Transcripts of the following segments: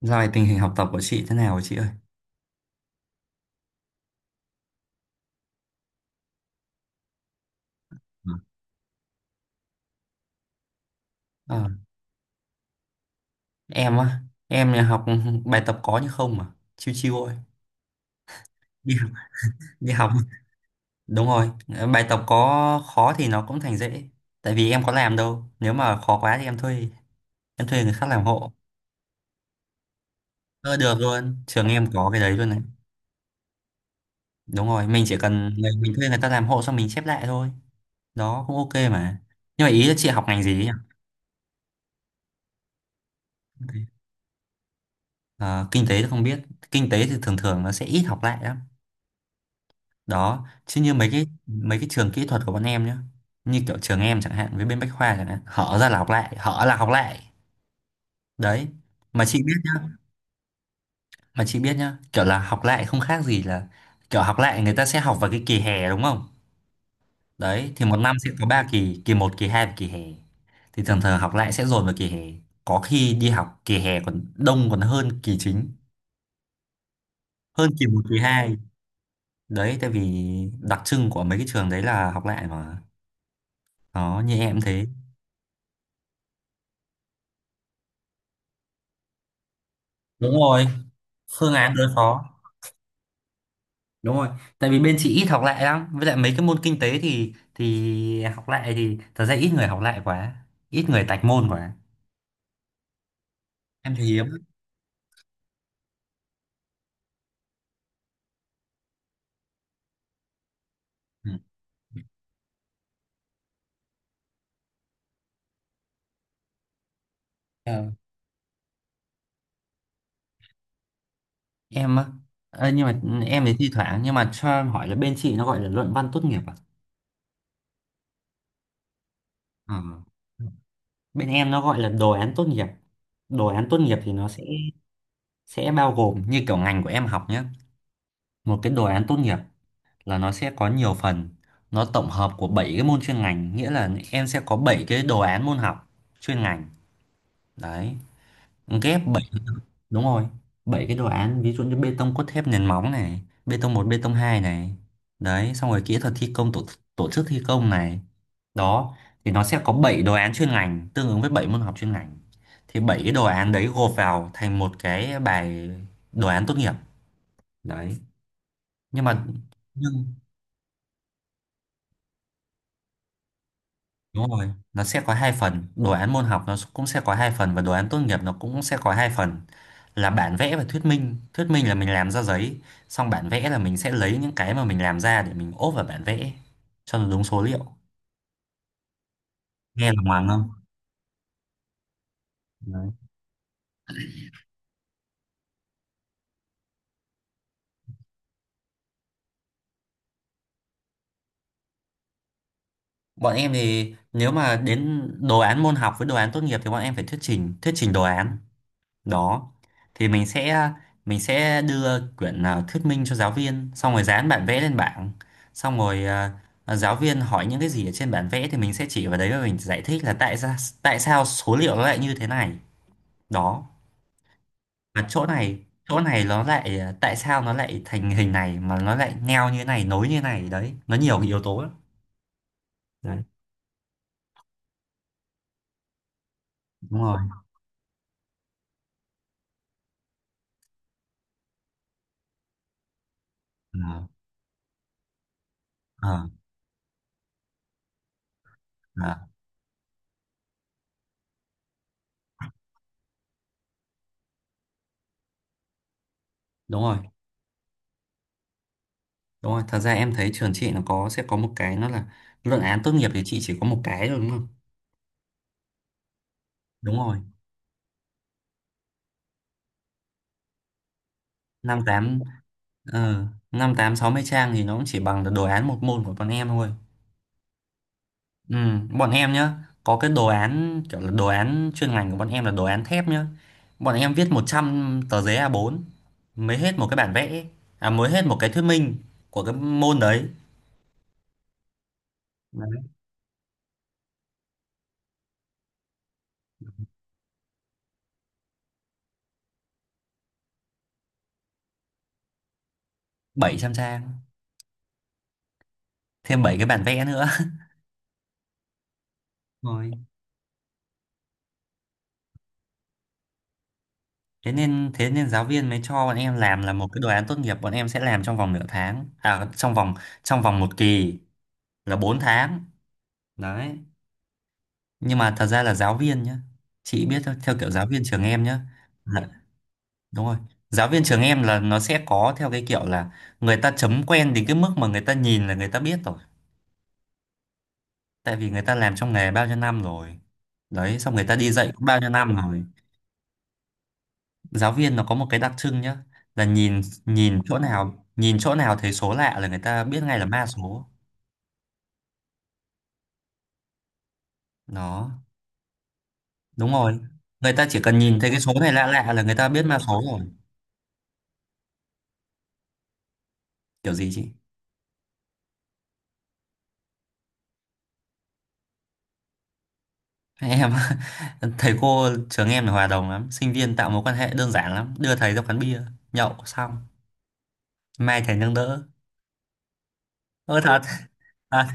Dạo này tình hình học tập của chị thế nào hả chị ơi? Ừ. Ờ, em á, em nhà học bài tập có nhưng không mà, chiêu chiêu thôi. Đi học, đi học. Đúng rồi, bài tập có khó thì nó cũng thành dễ. Tại vì em có làm đâu, nếu mà khó quá thì em thuê người khác làm hộ. Ờ, được luôn, trường em có cái đấy luôn đấy. Đúng rồi, mình chỉ cần mình thuê người ta làm hộ xong mình chép lại thôi. Đó cũng ok mà. Nhưng mà ý là chị học ngành gì ấy nhỉ? Ờ, kinh tế thì không biết. Kinh tế thì thường thường nó sẽ ít học lại lắm. Đó chứ như mấy cái trường kỹ thuật của bọn em nhá, như kiểu trường em chẳng hạn với bên Bách Khoa chẳng hạn, hở ra là học lại, hở là học lại đấy. mà chị biết nhá mà chị biết nhá, kiểu là học lại không khác gì là kiểu học lại, người ta sẽ học vào cái kỳ hè đúng không? Đấy, thì một năm sẽ có 3 kỳ, kỳ một, kỳ 2 và kỳ hè, thì thường thường học lại sẽ dồn vào kỳ hè. Có khi đi học kỳ hè còn đông còn hơn kỳ chính, hơn kỳ một kỳ 2 đấy. Tại vì đặc trưng của mấy cái trường đấy là học lại mà. Đó như em thế. Đúng rồi, phương án đối phó. Đúng rồi, tại vì bên chị ít học lại lắm, với lại mấy cái môn kinh tế thì học lại thì thật ra ít người học lại quá, ít người tạch môn quá. Em thì hiếm. Ừ. Ờ, em á. Ờ, nhưng mà em thì thi thoảng, nhưng mà cho em hỏi là bên chị nó gọi là luận văn tốt nghiệp à? Ờ. Bên em nó gọi là đồ án tốt nghiệp. Đồ án tốt nghiệp thì nó sẽ bao gồm như kiểu ngành của em học nhé, một cái đồ án tốt nghiệp là nó sẽ có nhiều phần, nó tổng hợp của 7 cái môn chuyên ngành, nghĩa là em sẽ có 7 cái đồ án môn học chuyên ngành đấy, ghép bảy. Đúng rồi, 7 cái đồ án, ví dụ như bê tông cốt thép, nền móng này, bê tông một, bê tông 2 này, đấy, xong rồi kỹ thuật thi công, tổ chức thi công này. Đó thì nó sẽ có 7 đồ án chuyên ngành tương ứng với 7 môn học chuyên ngành, thì 7 cái đồ án đấy gộp vào thành một cái bài đồ án tốt nghiệp đấy. Nhưng mà nhưng đúng rồi, nó sẽ có hai phần, đồ án môn học nó cũng sẽ có hai phần và đồ án tốt nghiệp nó cũng sẽ có hai phần là bản vẽ và thuyết minh. Thuyết minh là mình làm ra giấy, xong bản vẽ là mình sẽ lấy những cái mà mình làm ra để mình ốp vào bản vẽ cho nó đúng số liệu. Nghe là ngoằng không? Đấy. Bọn em thì nếu mà đến đồ án môn học với đồ án tốt nghiệp thì bọn em phải thuyết trình đồ án. Đó thì mình sẽ mình sẽ đưa quyển thuyết minh cho giáo viên, xong rồi dán bản vẽ lên bảng, xong rồi giáo viên hỏi những cái gì ở trên bản vẽ thì mình sẽ chỉ vào đấy và mình giải thích là tại sao, số liệu nó lại như thế này. Đó, và chỗ này nó lại tại sao nó lại thành hình này mà nó lại neo như này, nối như này đấy, nó nhiều cái yếu tố lắm. Đấy. Đúng rồi. Ờ, ờ, ờ, đúng rồi. Đúng rồi, thật ra em thấy trường chị nó sẽ có một cái, nó là luận án tốt nghiệp thì chị chỉ có một cái thôi đúng không? Đúng rồi. năm tám năm tám 60 trang thì nó cũng chỉ bằng được đồ án một môn của bọn em thôi. Ừ, bọn em nhá, có cái đồ án kiểu là đồ án chuyên ngành của bọn em là đồ án thép nhá, bọn em viết 100 tờ giấy A4 mới hết một cái bản vẽ, à mới hết một cái thuyết minh của cái môn đấy. Đấy. 700 trang, thêm 7 cái bản vẽ nữa rồi. Thế nên, thế nên giáo viên mới cho bọn em làm là một cái đồ án tốt nghiệp bọn em sẽ làm trong vòng nửa tháng, à trong vòng, trong vòng một kỳ là 4 tháng đấy. Nhưng mà thật ra là giáo viên nhá, chị biết thôi, theo kiểu giáo viên trường em nhá là, đúng rồi, giáo viên trường em là nó sẽ có theo cái kiểu là người ta chấm quen đến cái mức mà người ta nhìn là người ta biết rồi, tại vì người ta làm trong nghề bao nhiêu năm rồi đấy, xong người ta đi dạy cũng bao nhiêu năm rồi. Giáo viên nó có một cái đặc trưng nhá, là nhìn, nhìn chỗ nào, nhìn chỗ nào thấy số lạ là người ta biết ngay là ma số. Đó. Đúng rồi, người ta chỉ cần nhìn thấy cái số này lạ lạ là người ta biết ma số rồi. Kiểu gì chị? Em thầy cô trường em là hòa đồng lắm, sinh viên tạo mối quan hệ đơn giản lắm, đưa thầy ra quán bia nhậu xong mai thầy nâng đỡ. Ơ thật. à,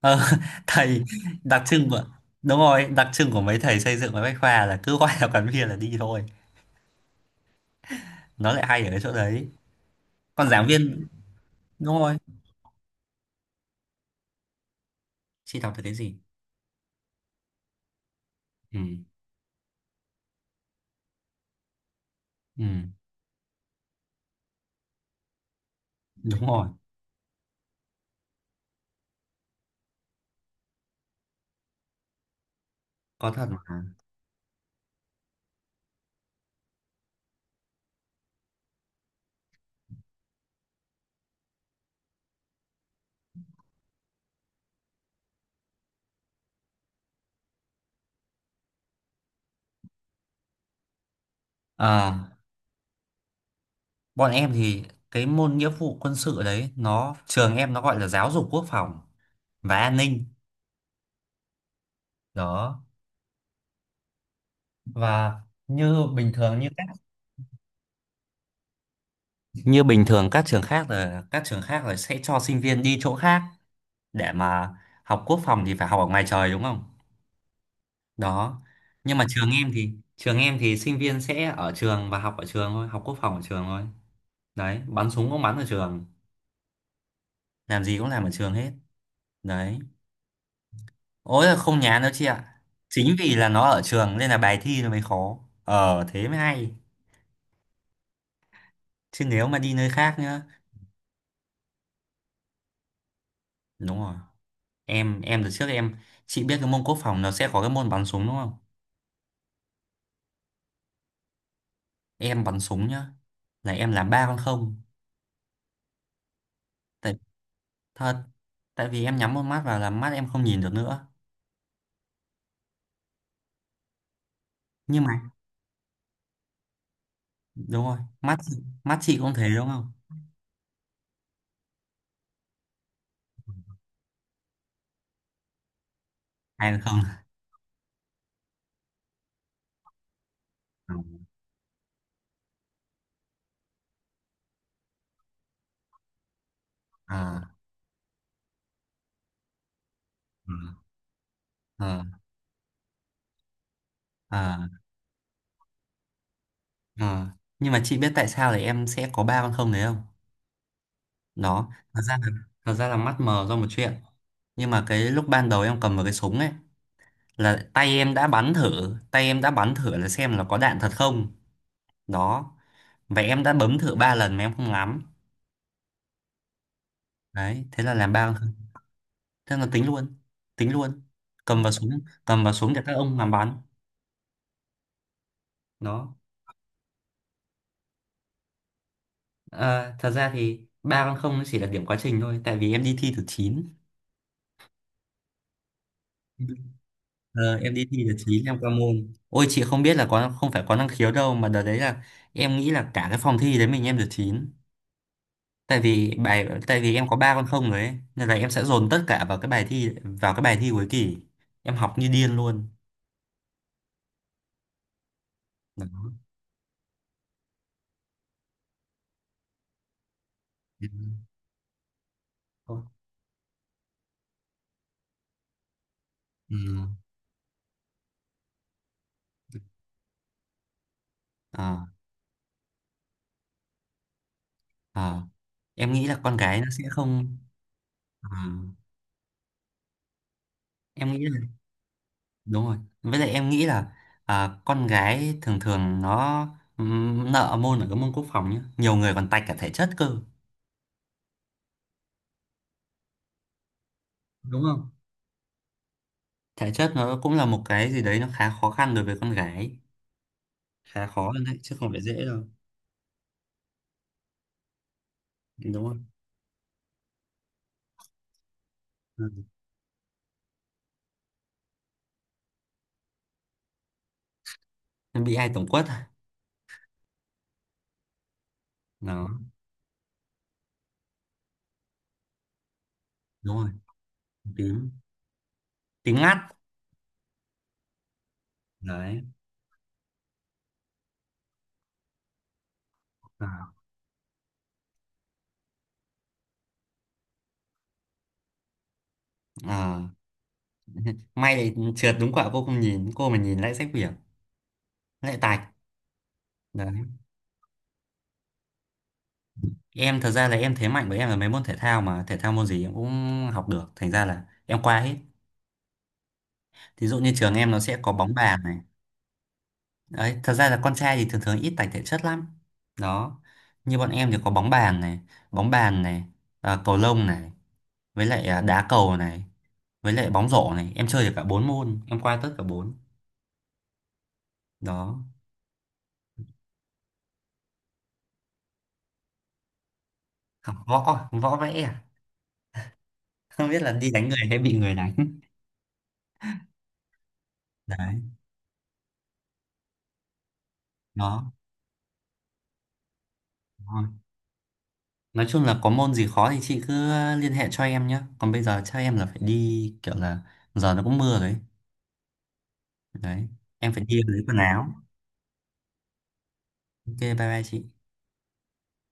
ờ, thầy đặc trưng của, đúng rồi, đặc trưng của mấy thầy xây dựng và bách khoa là cứ gọi là quán bia là đi thôi. Nó lại hay ở cái chỗ đấy. Còn giảng viên đúng rồi, chị đọc được cái gì? Ừ. Ừ, đúng rồi, có thật mà. Ờ, bọn em thì cái môn nghĩa vụ quân sự đấy nó, trường em nó gọi là giáo dục quốc phòng và an ninh. Đó. Và như bình thường, như bình thường các trường khác là sẽ cho sinh viên đi chỗ khác để mà học quốc phòng thì phải học ở ngoài trời đúng không? Đó. Nhưng mà trường em thì sinh viên sẽ ở trường và học ở trường thôi, học quốc phòng ở trường thôi. Đấy, bắn súng cũng bắn ở trường, làm gì cũng làm ở trường hết. Đấy. Ôi là không nhán đâu chị ạ. Chính vì là nó ở trường nên là bài thi nó mới khó. Ờ thế mới hay. Chứ nếu mà đi nơi khác nhá. Đúng rồi. Em từ trước em chị biết cái môn quốc phòng nó sẽ có cái môn bắn súng đúng không? Em bắn súng nhá là em làm ba con không. tại thật tại vì em nhắm một mắt vào là mắt em không nhìn được nữa. Nhưng mà đúng rồi, mắt chị cũng thế đúng không? Ai mà không à, à, à, à. Nhưng mà chị biết tại sao là em sẽ có ba con không đấy không? Đó thật ra là, mắt mờ do một chuyện. Nhưng mà cái lúc ban đầu em cầm vào cái súng ấy là tay em đã bắn thử là xem là có đạn thật không. Đó, vậy em đã bấm thử ba lần mà em không ngắm. Đấy thế là tính luôn, tính luôn, cầm vào súng cầm vào súng để các ông làm bắn. Đó thật ra thì ba con không nó chỉ là điểm quá trình thôi, tại vì em đi thi được chín ờ, em đi thi được chín em qua môn. Ôi chị không biết là có, không phải có năng khiếu đâu, mà đợt đấy là em nghĩ là cả cái phòng thi đấy mình em được chín. Tại vì em có ba con không đấy nên là em sẽ dồn tất cả vào cái bài thi cuối kỳ. Em học như điên luôn. Đó. Không. Ừ. À, à. Em nghĩ là con gái nó sẽ không, à, em nghĩ là đúng rồi, với lại em nghĩ là con gái thường thường nó nợ môn ở cái môn quốc phòng nhá, nhiều người còn tạch cả thể chất cơ đúng không? Thể chất nó cũng là một cái gì đấy nó khá khó khăn đối với con gái, khá khó hơn đấy chứ không phải dễ đâu đúng không? Ừ. Em bị ai tổng quất à? Đó đúng rồi, tím tím ngắt đấy. À. À, may lại trượt đúng quả cô không nhìn, cô mà nhìn lại sách vở lại tạch. Đấy. Em thật ra là em, thế mạnh của em là mấy môn thể thao, mà thể thao môn gì em cũng học được, thành ra là em qua hết. Thí dụ như trường em nó sẽ có bóng bàn này đấy, thật ra là con trai thì thường thường ít tài thể chất lắm. Đó, như bọn em thì có bóng bàn này, cầu lông này, với lại đá cầu này, với lại bóng rổ này, em chơi được cả bốn môn, em qua tất cả bốn. Đó. Học võ, võ vẽ à? Không biết là đi đánh người hay bị người đánh. Đấy. Đó. Nói chung là có môn gì khó thì chị cứ liên hệ cho em nhé. Còn bây giờ chắc em là phải đi, kiểu là giờ nó cũng mưa rồi ấy. Đấy, em phải đi lấy quần áo. Ok, bye bye chị.